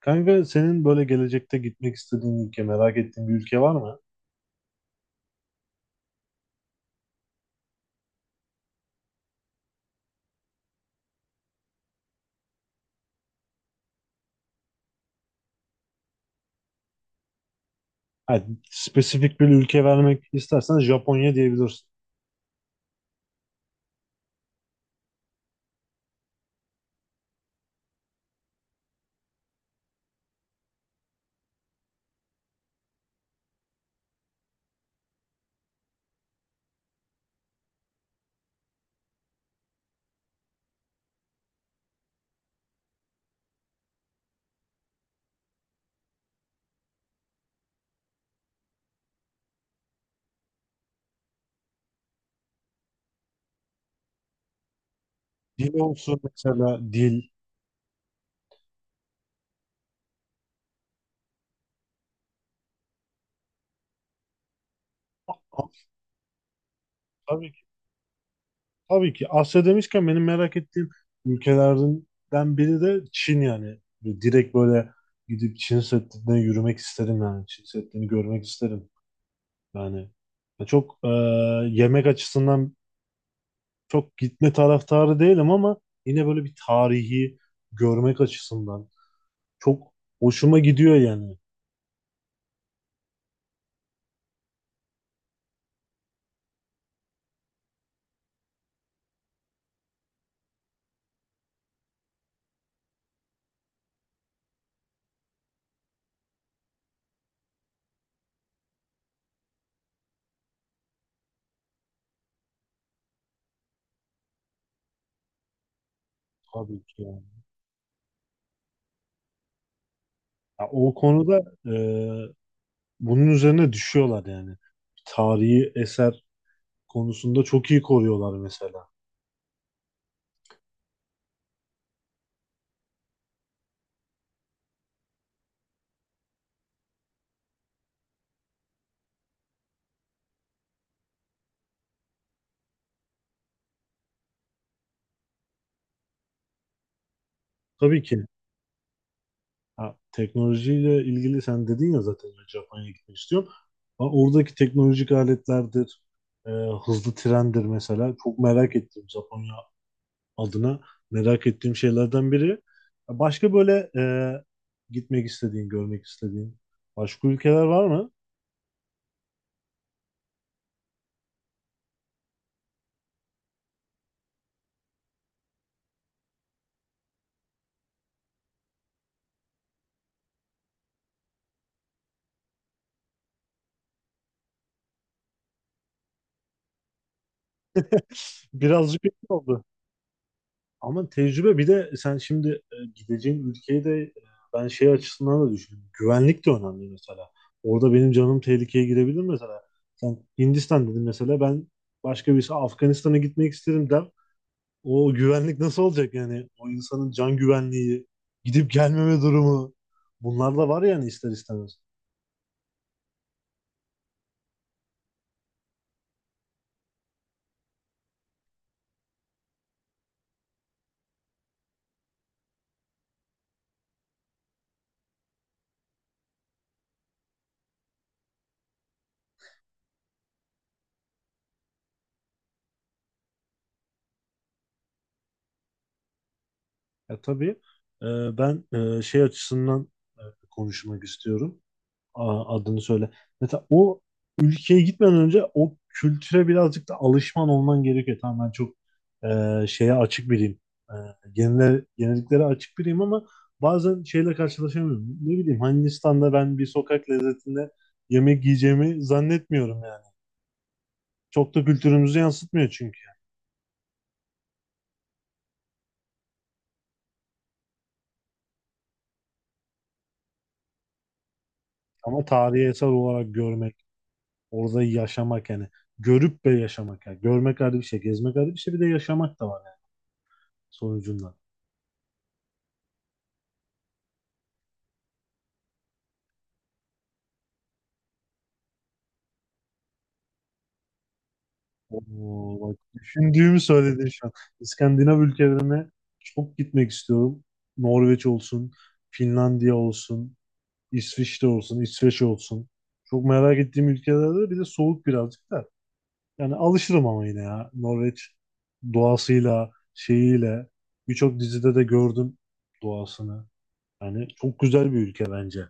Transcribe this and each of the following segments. Kanka senin böyle gelecekte gitmek istediğin ülke, merak ettiğin bir ülke var mı? Hani spesifik bir ülke vermek istersen Japonya diyebilirsin. Dil olsun mesela dil. Ha, tabii ki. Tabii ki. Asya demişken benim merak ettiğim ülkelerden biri de Çin yani. Böyle direkt böyle gidip Çin Seddi'ne yürümek isterim yani. Çin Seddi'ni görmek isterim. Yani ya çok yemek açısından çok gitme taraftarı değilim ama yine böyle bir tarihi görmek açısından çok hoşuma gidiyor yani. Tabii ki yani. Ya o konuda e, bunun üzerine düşüyorlar yani. Tarihi eser konusunda çok iyi koruyorlar mesela. Tabii ki ha, teknolojiyle ilgili sen dedin ya zaten ben Japonya'ya gitmek istiyorum. Ha, oradaki teknolojik aletlerdir, e, hızlı trendir mesela. Çok merak ettiğim Japonya adına merak ettiğim şeylerden biri. Başka böyle gitmek istediğin, görmek istediğin başka ülkeler var mı? Birazcık etkili oldu. Ama tecrübe bir de sen şimdi gideceğin ülkeyi de ben şey açısından da düşünüyorum. Güvenlik de önemli mesela. Orada benim canım tehlikeye girebilir mesela. Sen Hindistan dedin mesela ben başka birisi Afganistan'a gitmek isterim der. O güvenlik nasıl olacak yani? O insanın can güvenliği, gidip gelmeme durumu. Bunlar da var yani ister istemez. Ya tabii e, ben şey açısından e, konuşmak istiyorum. Adını söyle. Mesela o ülkeye gitmeden önce o kültüre birazcık da alışman olman gerekiyor. Tamam ben çok şeye açık biriyim. E, yeniliklere açık biriyim ama bazen şeyle karşılaşamıyorum. Ne bileyim Hindistan'da ben bir sokak lezzetinde yemek yiyeceğimi zannetmiyorum yani. Çok da kültürümüzü yansıtmıyor çünkü. Ama tarihi eser olarak görmek, orada yaşamak yani. Görüp ve yaşamak yani. Görmek ayrı bir şey, gezmek ayrı bir şey, bir de yaşamak da var yani sonucunda. Oo, bak düşündüğümü söyledin şu an. İskandinav ülkelerine çok gitmek istiyorum. Norveç olsun, Finlandiya olsun, İsviçre olsun, İsveç olsun. Çok merak ettiğim ülkelerde bir de soğuk birazcık da. Yani alışırım ama yine ya. Norveç doğasıyla, şeyiyle birçok dizide de gördüm doğasını. Yani çok güzel bir ülke bence.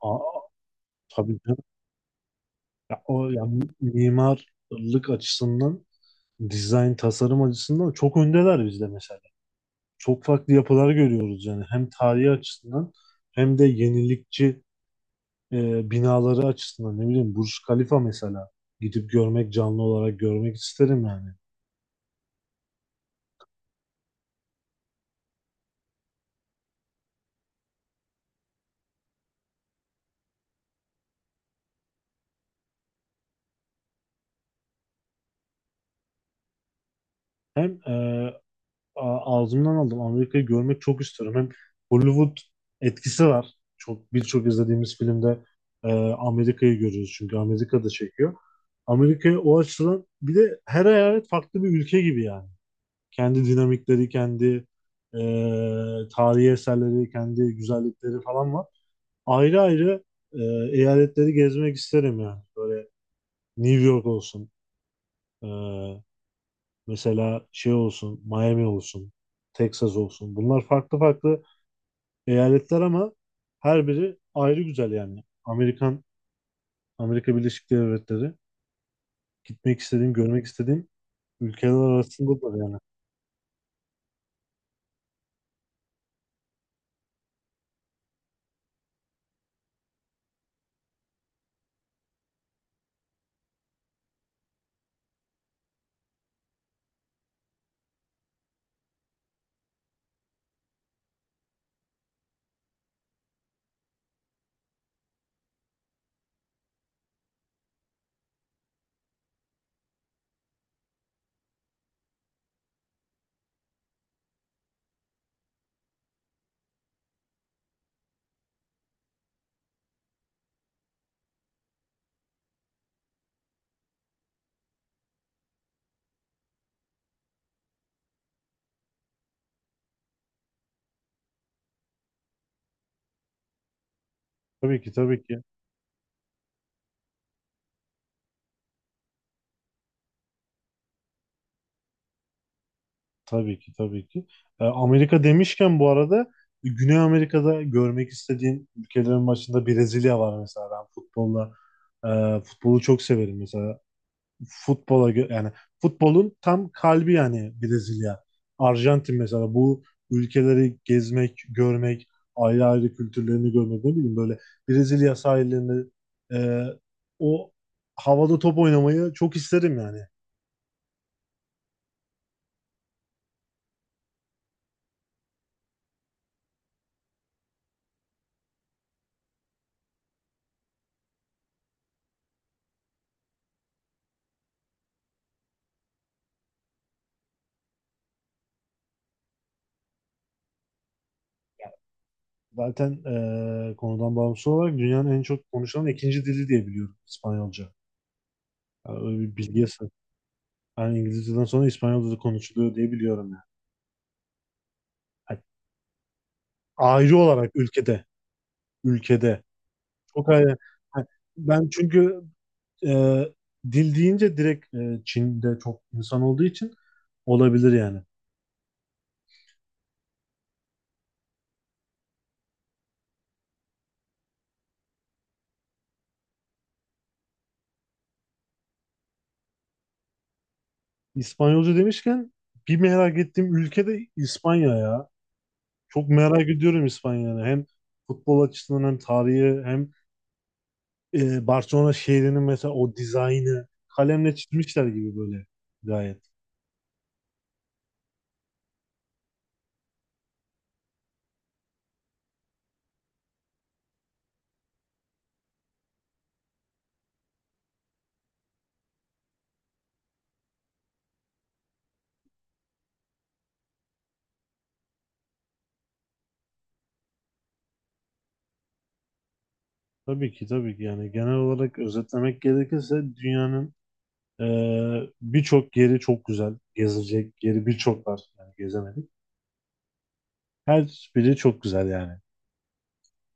Aa, tabii. Ya o ya mimarlık açısından, dizayn tasarım açısından çok öndeler bizde mesela. Çok farklı yapılar görüyoruz yani hem tarihi açısından hem de yenilikçi binaları açısından ne bileyim Burj Khalifa mesela gidip görmek canlı olarak görmek isterim yani. Hem ağzımdan aldım. Amerika'yı görmek çok istiyorum. Hem Hollywood etkisi var. Çok birçok izlediğimiz filmde e, Amerika'yı görüyoruz çünkü Amerika'da çekiyor. Amerika'yı o açıdan bir de her eyalet farklı bir ülke gibi yani. Kendi dinamikleri, kendi e, tarihi eserleri, kendi güzellikleri falan var. Ayrı ayrı e, eyaletleri gezmek isterim yani. Böyle New York olsun, e, mesela şey olsun, Miami olsun, Texas olsun. Bunlar farklı farklı eyaletler ama her biri ayrı güzel yani. Amerikan, Amerika Birleşik Devletleri gitmek istediğim, görmek istediğim ülkeler arasındadır yani. Tabii ki, tabii ki. Tabii ki, tabii ki. E, Amerika demişken bu arada Güney Amerika'da görmek istediğim ülkelerin başında Brezilya var mesela. Ben futbolu çok severim mesela. Yani futbolun tam kalbi yani Brezilya. Arjantin mesela bu ülkeleri gezmek, görmek, ayrı ayrı kültürlerini görmek ne bileyim böyle Brezilya sahillerinde e, o havada top oynamayı çok isterim yani. Zaten konudan bağımsız olarak dünyanın en çok konuşulan ikinci dili diye biliyorum İspanyolca. Yani öyle bir bilgiye sahip. Yani İngilizceden sonra İspanyolca da konuşuluyor diye biliyorum yani. Yani ayrı olarak ülkede, ülkede. Çok ayrı. Ha, ben çünkü e, dil deyince direkt Çin'de çok insan olduğu için olabilir yani. İspanyolca demişken bir merak ettiğim ülke de İspanya ya. Çok merak ediyorum İspanya'yı. Hem futbol açısından hem tarihi hem Barcelona şehrinin mesela o dizaynı kalemle çizmişler gibi böyle gayet. Tabii ki tabii ki yani genel olarak özetlemek gerekirse dünyanın birçok yeri çok güzel. Gezilecek yeri birçok var. Yani gezemedik. Her biri çok güzel yani.